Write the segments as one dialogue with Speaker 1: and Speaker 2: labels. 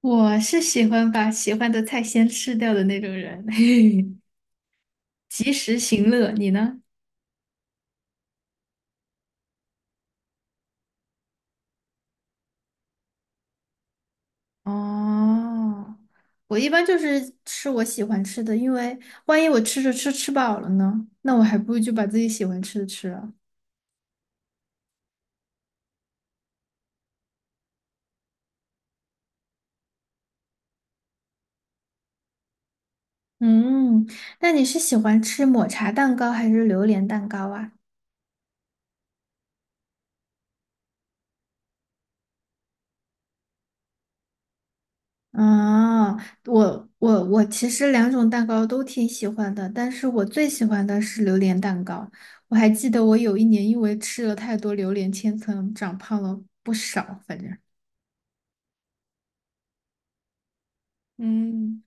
Speaker 1: 我是喜欢把喜欢的菜先吃掉的那种人，及时行乐。你呢？哦，我一般就是吃我喜欢吃的，因为万一我吃着吃饱了呢，那我还不如就把自己喜欢吃的吃了。嗯，那你是喜欢吃抹茶蛋糕还是榴莲蛋糕啊？啊，我其实两种蛋糕都挺喜欢的，但是我最喜欢的是榴莲蛋糕。我还记得我有一年因为吃了太多榴莲千层，长胖了不少，反正。嗯，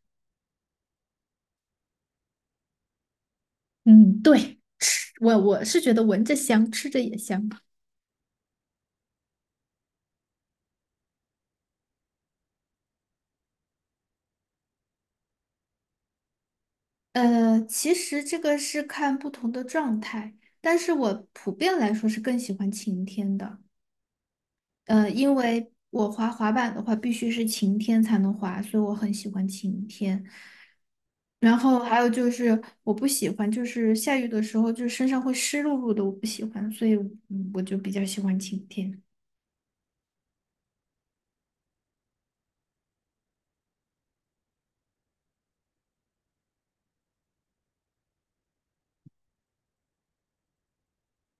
Speaker 1: 嗯，对，吃我是觉得闻着香，吃着也香。其实这个是看不同的状态，但是我普遍来说是更喜欢晴天的。因为我滑滑板的话，必须是晴天才能滑，所以我很喜欢晴天。然后还有就是我不喜欢，就是下雨的时候，就是身上会湿漉漉的，我不喜欢，所以嗯我就比较喜欢晴天。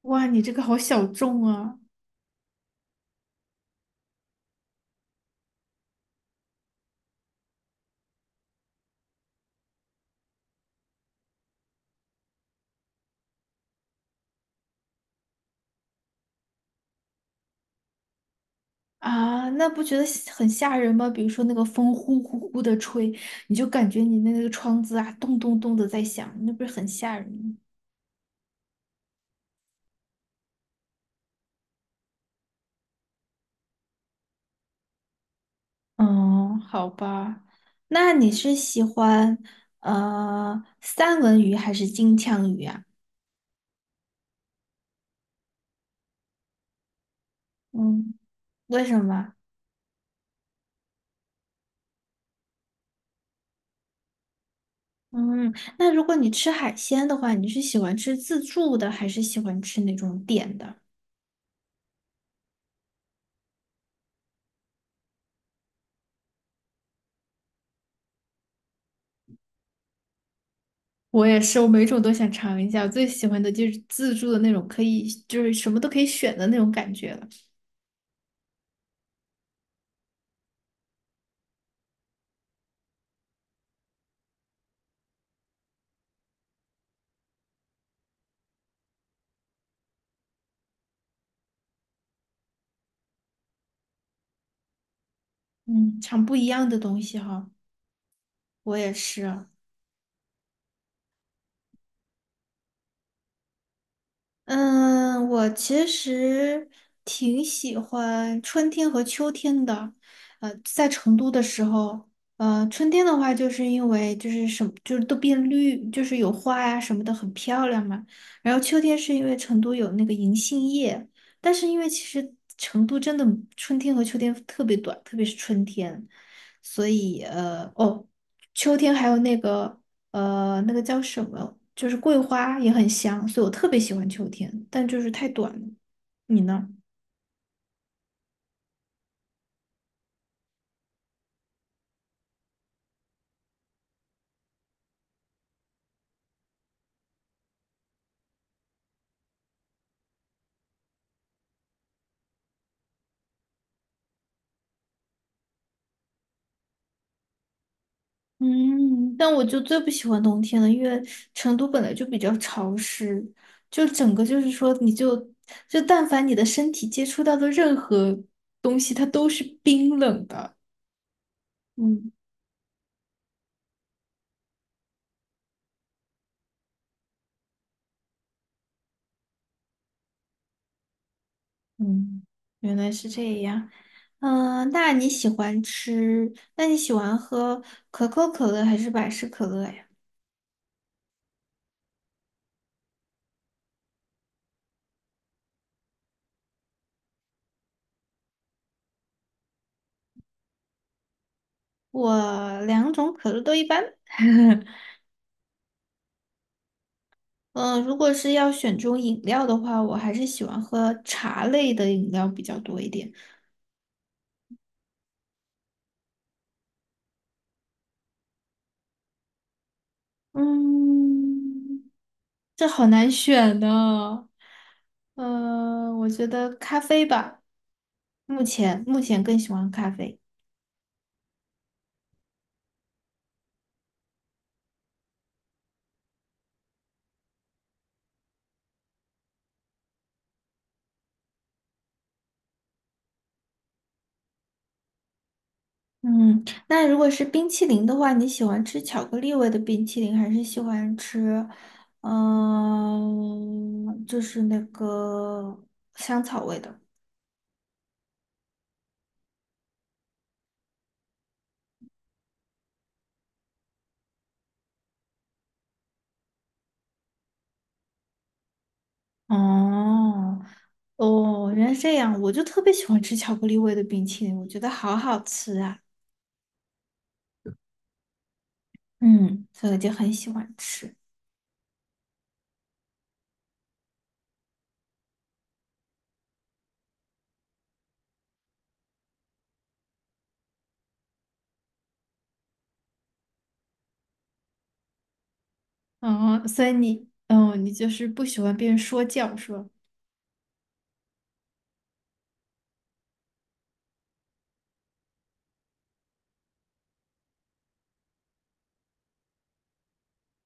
Speaker 1: 哇，你这个好小众啊！啊，那不觉得吓很吓人吗？比如说那个风呼呼呼的吹，你就感觉你那个窗子啊，咚咚咚的在响，那不是很吓人吗？嗯，好吧，那你是喜欢三文鱼还是金枪鱼啊？嗯，为什么？嗯，那如果你吃海鲜的话，你是喜欢吃自助的，还是喜欢吃那种点的？我也是，我每种都想尝一下。我最喜欢的就是自助的那种，可以就是什么都可以选的那种感觉了。嗯，尝不一样的东西哈。我也是。嗯，我其实挺喜欢春天和秋天的。在成都的时候，春天的话，就是因为就是什么，就是都变绿，就是有花呀、什么的，很漂亮嘛。然后秋天是因为成都有那个银杏叶，但是因为其实成都真的春天和秋天特别短，特别是春天，所以哦。秋天还有那个那个叫什么，就是桂花也很香，所以我特别喜欢秋天，但就是太短了。你呢？嗯，但我就最不喜欢冬天了，因为成都本来就比较潮湿，就整个就是说，就但凡你的身体接触到的任何东西，它都是冰冷的。嗯嗯，原来是这样。嗯、那你喜欢喝可口可乐还是百事可乐呀？我两种可乐都一般。嗯，如果是要选中饮料的话，我还是喜欢喝茶类的饮料比较多一点。嗯，这好难选呢。嗯，我觉得咖啡吧，目前更喜欢咖啡。嗯，那如果是冰淇淋的话，你喜欢吃巧克力味的冰淇淋，还是喜欢吃，嗯、就是那个香草味的？哦，哦，原来是这样，我就特别喜欢吃巧克力味的冰淇淋，我觉得好好吃啊。嗯，所以我就很喜欢吃。哦，所以你，嗯，你就是不喜欢别人说教，是吧？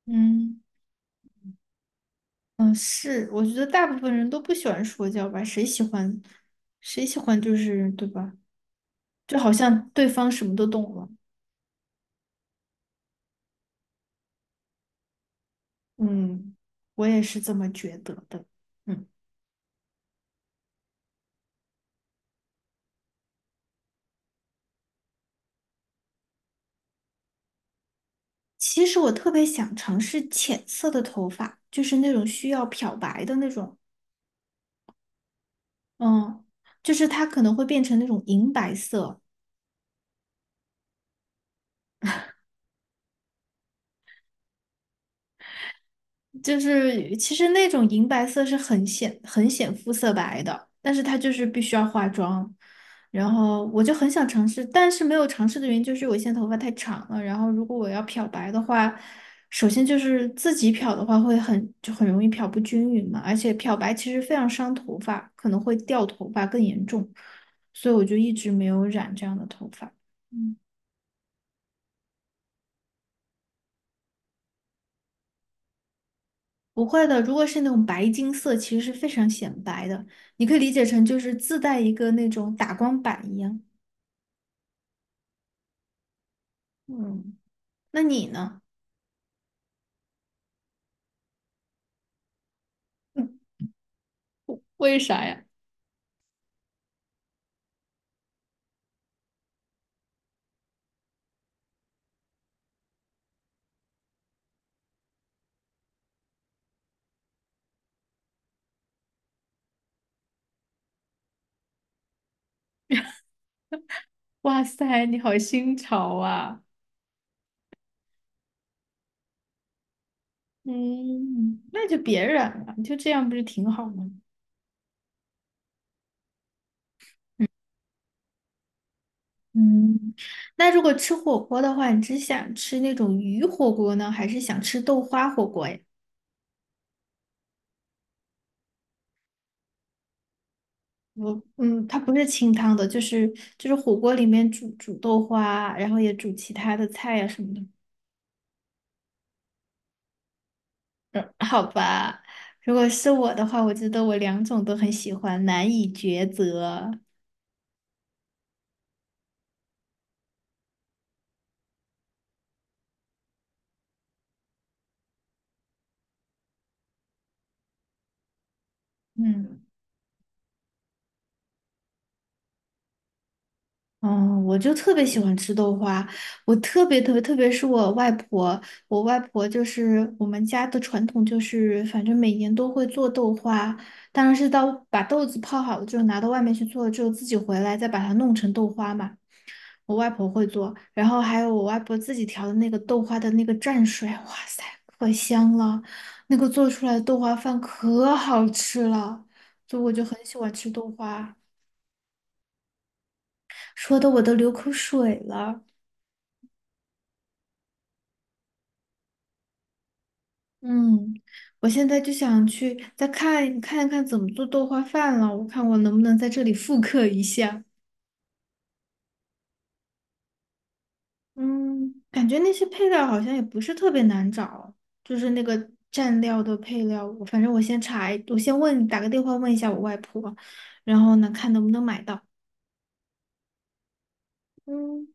Speaker 1: 嗯嗯，是，我觉得大部分人都不喜欢说教吧，谁喜欢就是对吧？就好像对方什么都懂了。嗯，我也是这么觉得的。嗯。其实我特别想尝试浅色的头发，就是那种需要漂白的那种，嗯，就是它可能会变成那种银白色，就是其实那种银白色是很显肤色白的，但是它就是必须要化妆。然后我就很想尝试，但是没有尝试的原因就是我现在头发太长了。然后如果我要漂白的话，首先就是自己漂的话会很就很容易漂不均匀嘛，而且漂白其实非常伤头发，可能会掉头发更严重，所以我就一直没有染这样的头发。嗯。不会的，如果是那种白金色，其实是非常显白的，你可以理解成就是自带一个那种打光板一样。嗯，那你呢？为啥呀？哇塞，你好新潮啊！嗯，那就别染了，就这样不是挺好吗？嗯，那如果吃火锅的话，你只想吃那种鱼火锅呢，还是想吃豆花火锅呀？我嗯，它不是清汤的，就是就是火锅里面煮豆花，然后也煮其他的菜呀、什么的。嗯，好吧，如果是我的话，我觉得我两种都很喜欢，难以抉择。嗯哦，我就特别喜欢吃豆花，我特别特别，特别是我外婆，我外婆就是我们家的传统，就是反正每年都会做豆花，当然是到把豆子泡好了之后拿到外面去做了之后，自己回来再把它弄成豆花嘛。我外婆会做，然后还有我外婆自己调的那个豆花的那个蘸水，哇塞，可香了！那个做出来的豆花饭可好吃了，所以我就很喜欢吃豆花，说的我都流口水了。嗯，我现在就想去看一看怎么做豆花饭了，我看我能不能在这里复刻一下。嗯，感觉那些配料好像也不是特别难找，就是那个蘸料的配料，我反正我先问，打个电话问一下我外婆，然后呢，看能不能买到。嗯。